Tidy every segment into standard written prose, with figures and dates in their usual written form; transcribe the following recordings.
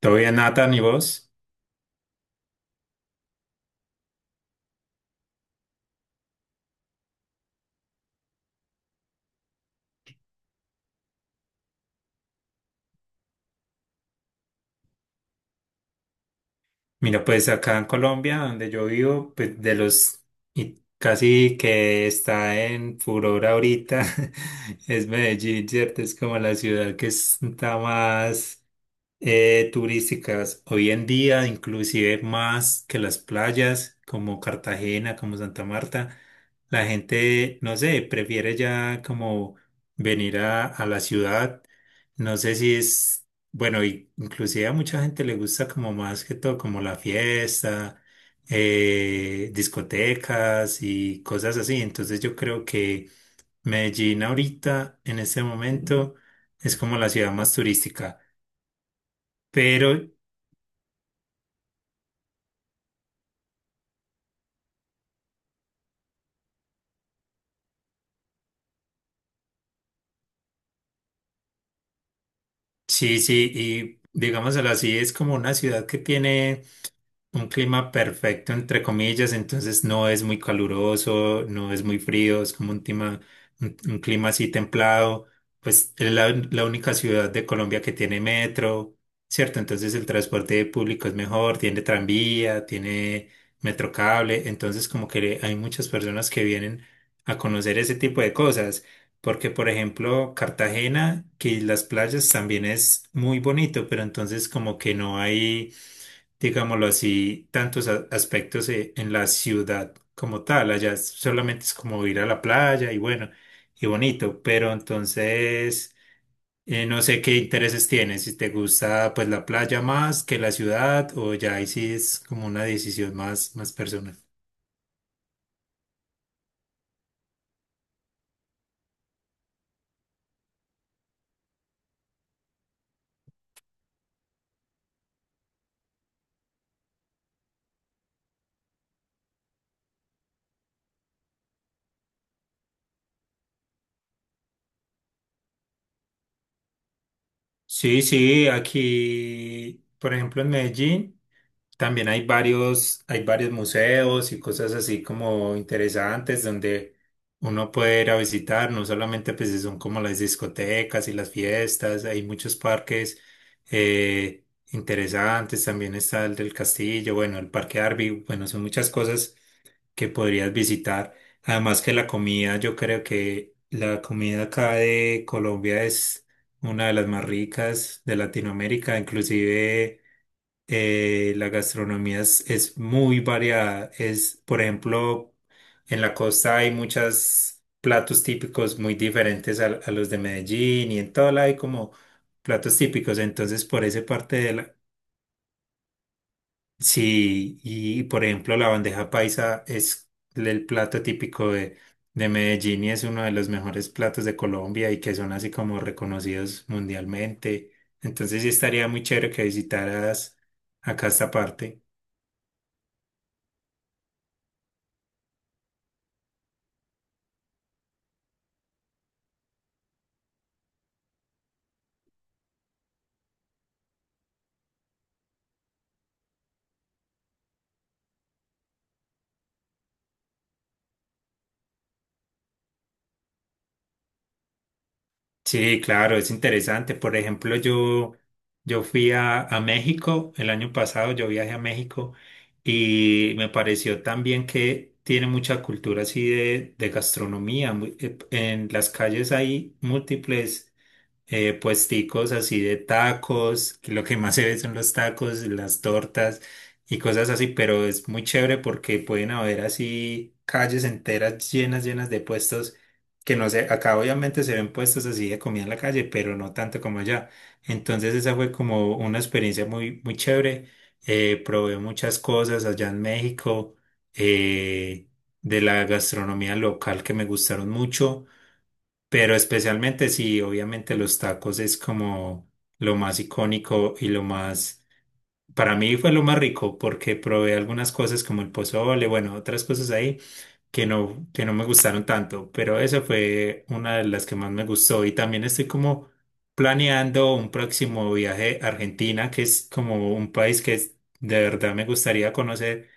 Todo bien, Nathan, ¿y vos? Mira, pues acá en Colombia, donde yo vivo, pues de los, y casi que está en furor ahorita, es Medellín, ¿cierto? Es como la ciudad que está más turísticas hoy en día, inclusive más que las playas como Cartagena, como Santa Marta, la gente, no sé, prefiere ya como venir a la ciudad. No sé si es, bueno, y inclusive a mucha gente le gusta como más que todo, como la fiesta, discotecas y cosas así. Entonces yo creo que Medellín ahorita, en este momento, es como la ciudad más turística. Pero Sí, sí, y digámoslo así, es como una ciudad que tiene... Un clima perfecto, entre comillas, entonces no es muy caluroso, no es muy frío, es como un clima, un clima así templado. Pues es la, la única ciudad de Colombia que tiene metro, ¿cierto? Entonces el transporte público es mejor, tiene tranvía, tiene metrocable, entonces como que hay muchas personas que vienen a conocer ese tipo de cosas, porque por ejemplo Cartagena, que las playas también es muy bonito, pero entonces como que no hay digámoslo así, tantos aspectos en la ciudad como tal. Allá solamente es como ir a la playa y bueno, y bonito, pero entonces no sé qué intereses tienes, si te gusta pues la playa más que la ciudad o ya ahí sí es como una decisión más, más personal. Sí, sí, aquí, por ejemplo, en Medellín. También hay varios museos y cosas así como interesantes donde uno puede ir a visitar, no solamente pues si son como las discotecas y las fiestas, hay muchos parques eh, interesantes, también está el del castillo, bueno, el parque Arby, bueno, son muchas cosas que podrías visitar. Además que la comida, yo creo que la comida acá de Colombia es una de las más ricas de Latinoamérica, inclusive la gastronomía es muy variada. Es, por ejemplo, en la costa hay muchos platos típicos muy diferentes a los de Medellín y en todo lado hay como platos típicos. Entonces, por esa parte de la... Sí, y por ejemplo, la bandeja paisa es el plato típico de Medellín y es uno de los mejores platos de Colombia y que son así como reconocidos mundialmente. Entonces, sí estaría muy chévere que visitaras acá esta parte. Sí, claro, es interesante. Por ejemplo, yo fui a México el año pasado, yo viajé a México y me pareció también que tiene mucha cultura así de gastronomía. En las calles hay múltiples puesticos así de tacos, que lo que más se ve son los tacos, las tortas y cosas así, pero es muy chévere porque pueden haber así calles enteras llenas, llenas de puestos que no sé, acá obviamente se ven puestos así de comida en la calle, pero no tanto como allá. Entonces esa fue como una experiencia muy, muy chévere. Probé muchas cosas allá en México, eh, de la gastronomía local que me gustaron mucho. Pero especialmente sí, obviamente los tacos es como lo más icónico y lo más, para mí fue lo más rico porque probé algunas cosas como el pozole, bueno, otras cosas ahí que no me gustaron tanto, pero esa fue una de las que más me gustó y también estoy como planeando un próximo viaje a Argentina, que es como un país que de verdad me gustaría conocer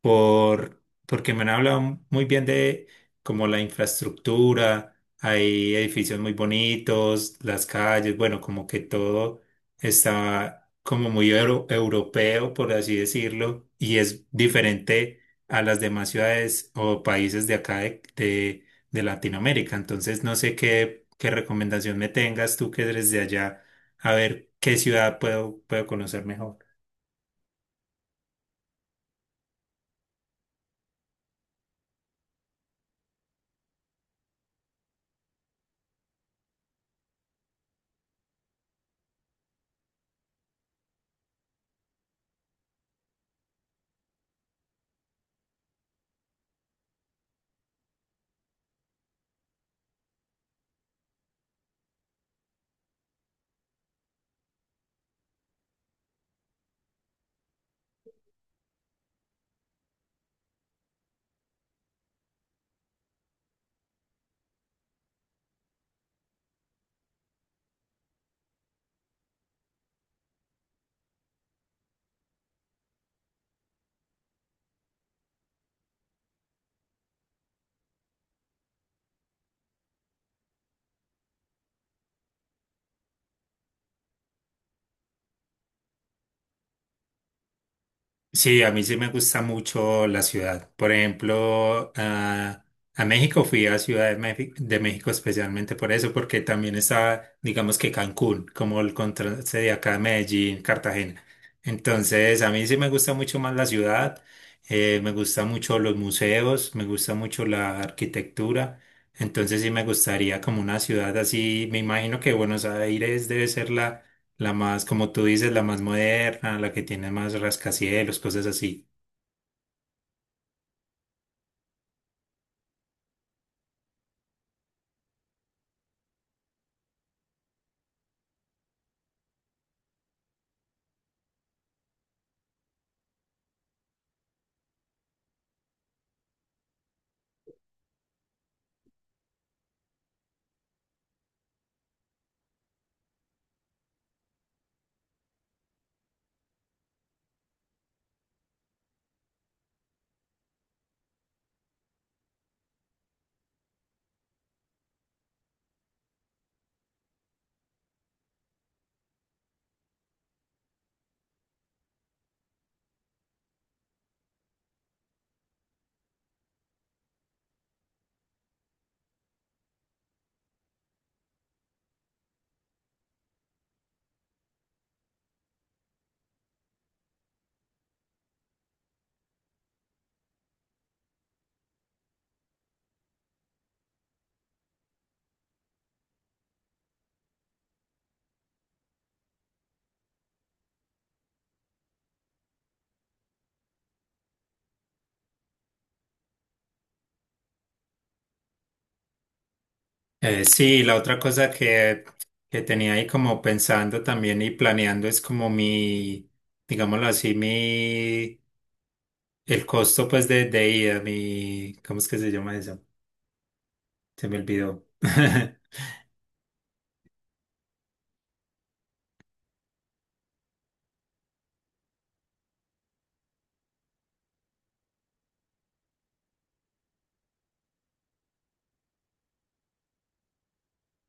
porque me han hablado muy bien de como la infraestructura, hay edificios muy bonitos, las calles, bueno, como que todo está como muy europeo, por así decirlo, y es diferente a las demás ciudades o países de acá de Latinoamérica. Entonces, no sé qué, qué recomendación me tengas tú que eres de allá, a ver qué ciudad puedo, puedo conocer mejor. Sí, a mí sí me gusta mucho la ciudad. Por ejemplo, a México fui a Ciudad de México especialmente por eso, porque también está, digamos que Cancún, como el contraste de acá de Medellín, Cartagena. Entonces, a mí sí me gusta mucho más la ciudad, me gusta mucho los museos, me gusta mucho la arquitectura. Entonces, sí me gustaría como una ciudad así. Me imagino que Buenos Aires debe ser la la más, como tú dices, la más moderna, la que tiene más rascacielos, cosas así. Sí, la otra cosa que tenía ahí como pensando también y planeando es como mi, digámoslo así, mi, el costo pues de ida, mi, ¿cómo es que se llama eso? Se me olvidó.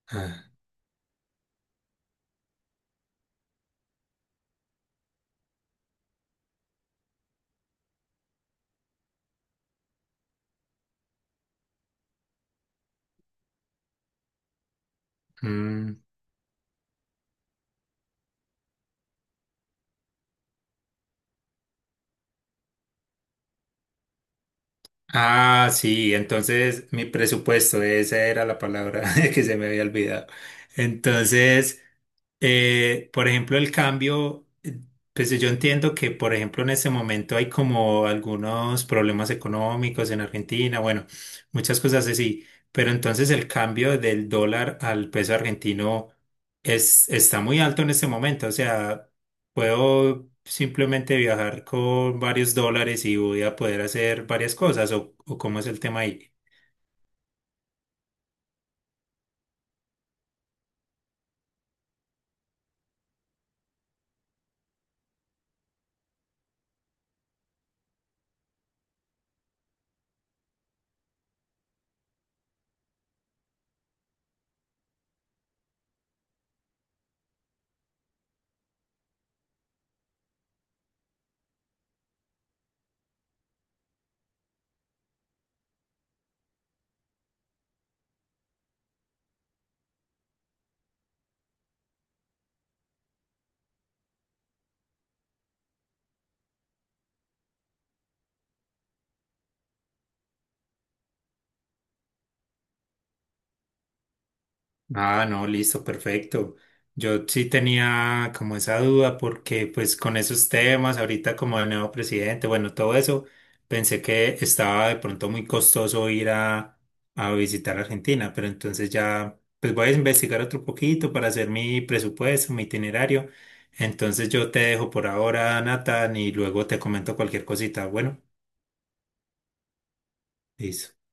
Ah, mm, Ah, sí, entonces mi presupuesto, esa era la palabra que se me había olvidado. Entonces, por ejemplo, el cambio, pues yo entiendo que, por ejemplo, en este momento hay como algunos problemas económicos en Argentina, bueno, muchas cosas así, pero entonces el cambio del dólar al peso argentino es, está muy alto en este momento, o sea... Puedo simplemente viajar con varios dólares y voy a poder hacer varias cosas, o cómo es el tema ahí. Ah, no, listo, perfecto. Yo sí tenía como esa duda porque pues con esos temas, ahorita como el nuevo presidente, bueno, todo eso, pensé que estaba de pronto muy costoso ir a visitar Argentina, pero entonces ya pues voy a investigar otro poquito para hacer mi presupuesto, mi itinerario. Entonces yo te dejo por ahora, Nathan, y luego te comento cualquier cosita. Bueno, listo.